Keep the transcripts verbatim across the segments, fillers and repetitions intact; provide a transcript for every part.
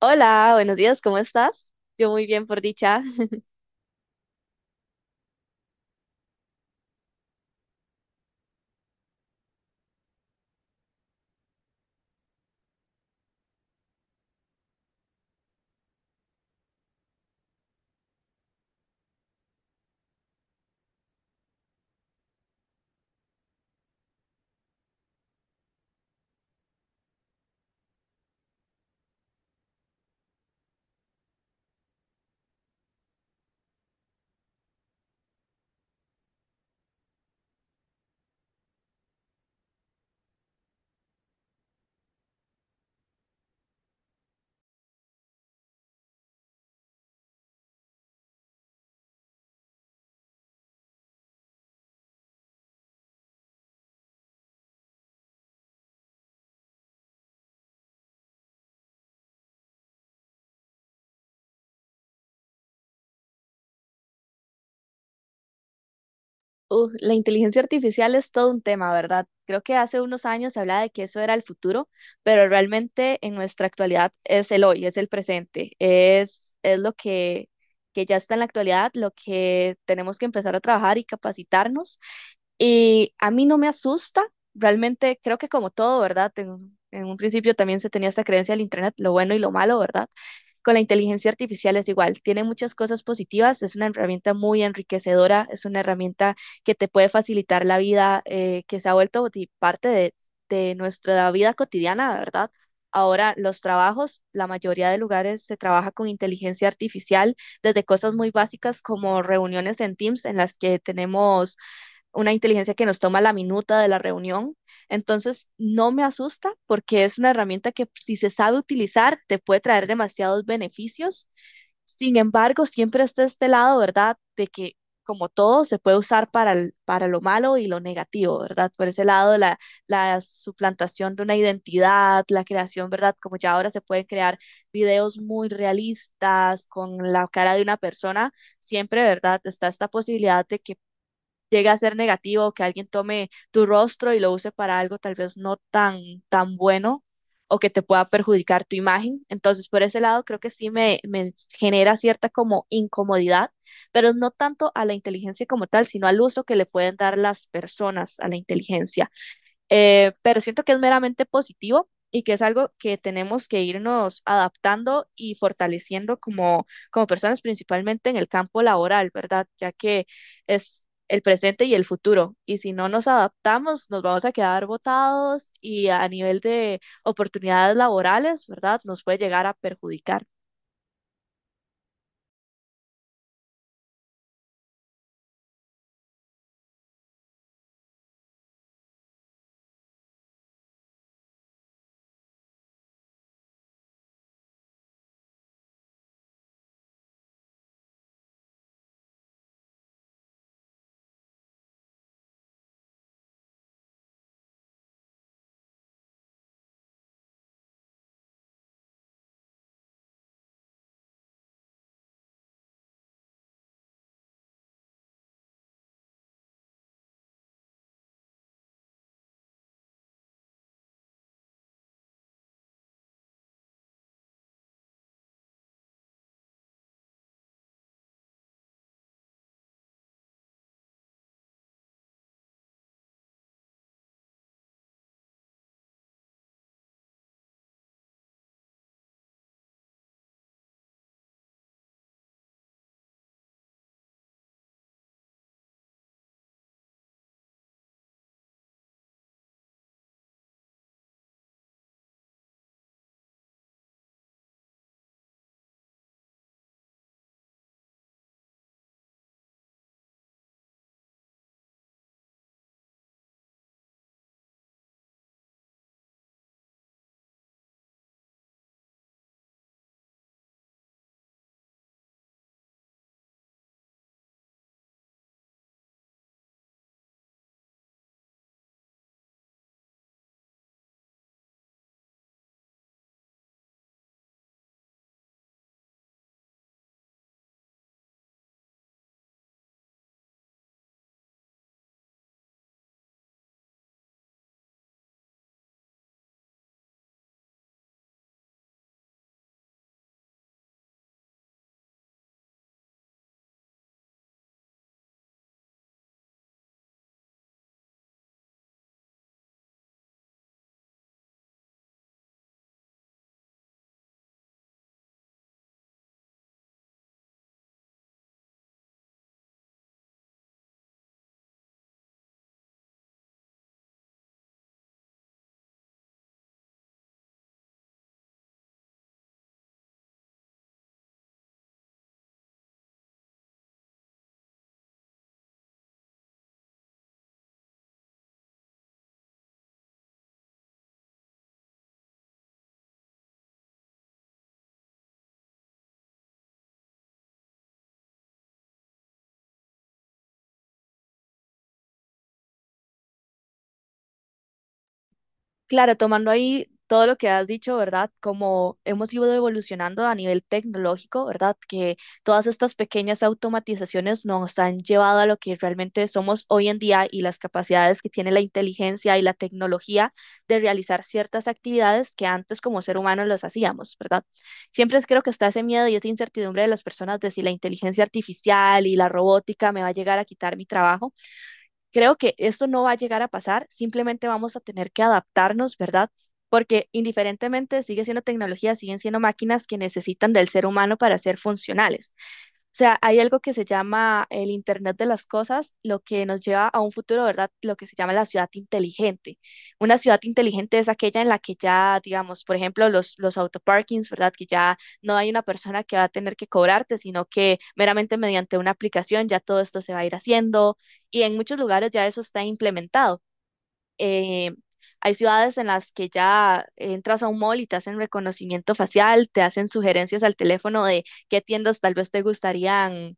Hola, buenos días, ¿cómo estás? Yo muy bien, por dicha. Uh, la inteligencia artificial es todo un tema, ¿verdad? Creo que hace unos años se hablaba de que eso era el futuro, pero realmente en nuestra actualidad es el hoy, es el presente, es, es lo que, que ya está en la actualidad, lo que tenemos que empezar a trabajar y capacitarnos. Y a mí no me asusta, realmente creo que como todo, ¿verdad? En, en un principio también se tenía esta creencia del Internet, lo bueno y lo malo, ¿verdad? Con la inteligencia artificial es igual, tiene muchas cosas positivas, es una herramienta muy enriquecedora, es una herramienta que te puede facilitar la vida, eh, que se ha vuelto ti- parte de, de nuestra vida cotidiana, ¿verdad? Ahora los trabajos, la mayoría de lugares se trabaja con inteligencia artificial, desde cosas muy básicas como reuniones en Teams en las que tenemos una inteligencia que nos toma la minuta de la reunión. Entonces, no me asusta porque es una herramienta que si se sabe utilizar, te puede traer demasiados beneficios. Sin embargo, siempre está este lado, ¿verdad? De que como todo, se puede usar para, el- para lo malo y lo negativo, ¿verdad? Por ese lado, la, la suplantación de una identidad, la creación, ¿verdad? Como ya ahora se pueden crear videos muy realistas con la cara de una persona, siempre, ¿verdad? Está esta posibilidad de que llegue a ser negativo, que alguien tome tu rostro y lo use para algo tal vez no tan, tan bueno o que te pueda perjudicar tu imagen. Entonces, por ese lado, creo que sí me, me genera cierta como incomodidad, pero no tanto a la inteligencia como tal, sino al uso que le pueden dar las personas a la inteligencia. Eh, pero siento que es meramente positivo y que es algo que tenemos que irnos adaptando y fortaleciendo como, como personas, principalmente en el campo laboral, ¿verdad? Ya que es el presente y el futuro. Y si no nos adaptamos, nos vamos a quedar botados y a nivel de oportunidades laborales, ¿verdad? Nos puede llegar a perjudicar. Claro, tomando ahí todo lo que has dicho, ¿verdad? Como hemos ido evolucionando a nivel tecnológico, ¿verdad? Que todas estas pequeñas automatizaciones nos han llevado a lo que realmente somos hoy en día y las capacidades que tiene la inteligencia y la tecnología de realizar ciertas actividades que antes como ser humano los hacíamos, ¿verdad? Siempre es- creo que está ese miedo y esa incertidumbre de las personas de si la inteligencia artificial y la robótica me va a llegar a quitar mi trabajo. Creo que esto no va a llegar a pasar, simplemente vamos a tener que adaptarnos, ¿verdad? Porque indiferentemente sigue siendo tecnología, siguen siendo máquinas que necesitan del ser humano para ser funcionales. O sea, hay algo que se llama el Internet de las Cosas, lo que nos lleva a un futuro, ¿verdad? Lo que se llama la ciudad inteligente. Una ciudad inteligente es aquella en la que ya, digamos, por ejemplo, los, los autoparkings, ¿verdad? Que ya no hay una persona que va a tener que cobrarte, sino que meramente mediante una aplicación ya todo esto se va a ir haciendo y en muchos lugares ya eso está implementado. Eh, Hay ciudades en las que ya entras a un mall y te hacen reconocimiento facial, te hacen sugerencias al teléfono de qué tiendas tal vez te gustarían,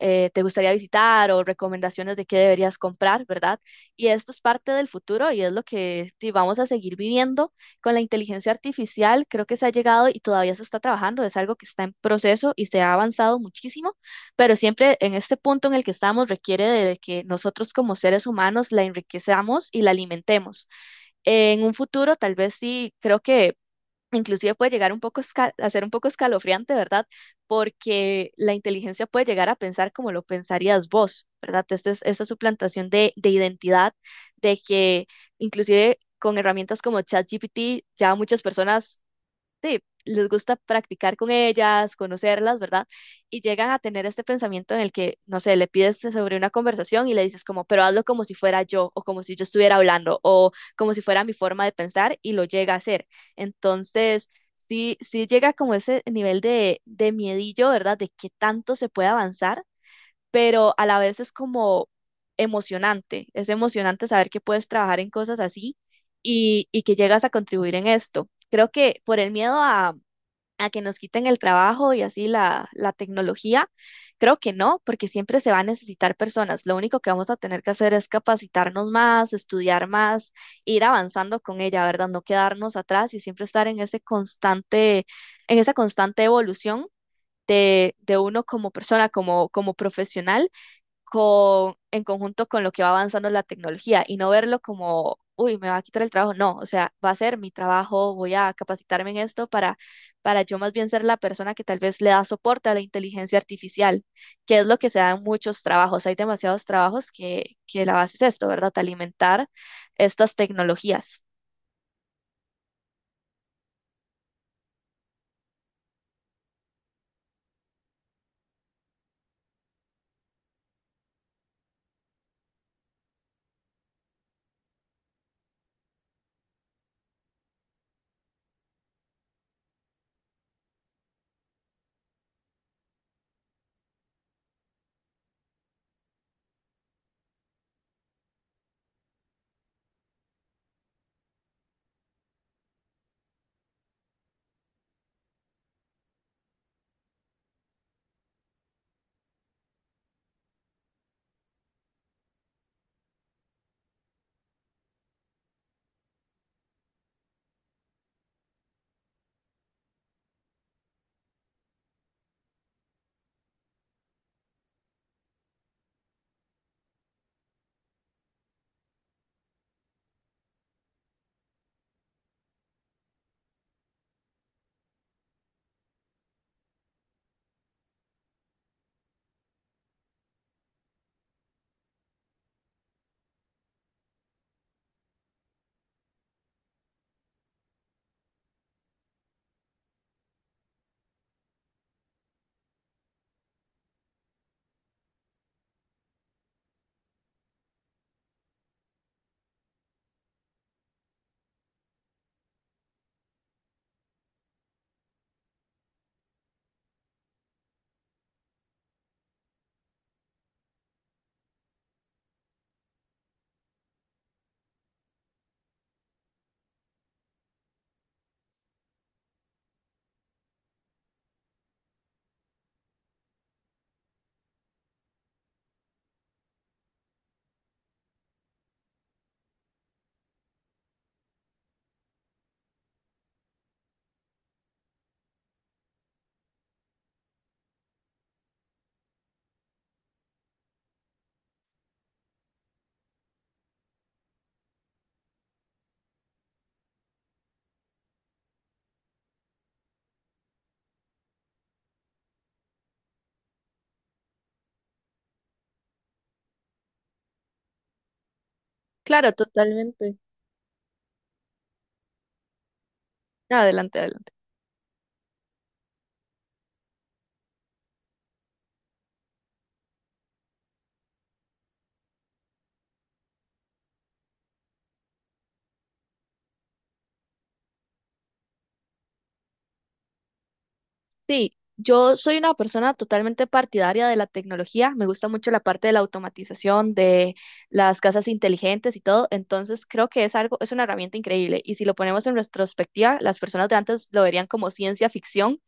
eh, te gustaría visitar o recomendaciones de qué deberías comprar, ¿verdad? Y esto es parte del futuro y es lo que sí, vamos a seguir viviendo con la inteligencia artificial. Creo que se ha llegado y todavía se está trabajando, es algo que está en proceso y se ha avanzado muchísimo, pero siempre en este punto en el que estamos requiere de que nosotros como seres humanos la enriquezamos y la alimentemos. En un futuro, tal vez sí, creo que inclusive puede llegar un poco esca- a ser un poco escalofriante, ¿verdad? Porque la inteligencia puede llegar a pensar como lo pensarías vos, ¿verdad? Esta es, esta suplantación de, de identidad, de que inclusive con herramientas como ChatGPT ya muchas personas sí, les gusta practicar con ellas, conocerlas, ¿verdad? Y llegan a tener este pensamiento en el que, no sé, le pides sobre una conversación y le dices como, pero hazlo como si fuera yo, o como si yo estuviera hablando, o como si fuera mi forma de pensar, y lo llega a hacer. Entonces, sí, sí llega como ese nivel de, de miedillo, ¿verdad? De qué tanto se puede avanzar, pero a la vez es como emocionante, es emocionante saber que puedes trabajar en cosas así y, y que llegas a contribuir en esto. Creo que por el miedo a, a que nos quiten el trabajo y así la, la tecnología, creo que no, porque siempre se va a necesitar personas. Lo único que vamos a tener que hacer es capacitarnos más, estudiar más, ir avanzando con ella, ¿verdad? No quedarnos atrás y siempre estar en ese constante, en esa constante evolución de, de uno como persona, como, como profesional con, en conjunto con lo que va avanzando la tecnología y no verlo como, uy, me va a quitar el trabajo. No, o sea, va a ser mi trabajo, voy a capacitarme en esto para, para yo más bien ser la persona que tal vez le da soporte a la inteligencia artificial, que es lo que se da en muchos trabajos. Hay demasiados trabajos que, que la base es esto, ¿verdad? Alimentar estas tecnologías. Claro, totalmente. Adelante, adelante. Sí, yo soy una persona totalmente partidaria de la tecnología. Me gusta mucho la parte de la automatización, de las casas inteligentes y todo. Entonces creo que es algo, es una herramienta increíble. Y si lo ponemos en retrospectiva, las personas de antes lo verían como ciencia ficción,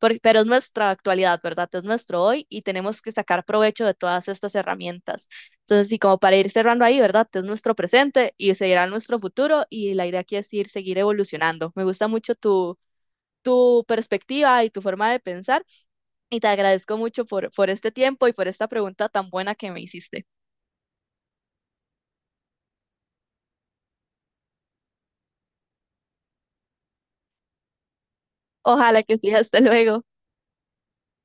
por- pero es nuestra actualidad, ¿verdad? Es nuestro hoy y tenemos que sacar provecho de todas estas herramientas. Entonces, sí, como para ir cerrando ahí, ¿verdad? Es nuestro presente y seguirá nuestro futuro. Y la idea aquí es ir, seguir evolucionando. Me gusta mucho tu perspectiva y tu forma de pensar. Y te agradezco mucho por, por este tiempo y por esta pregunta tan buena que me hiciste. Ojalá que sí, hasta luego.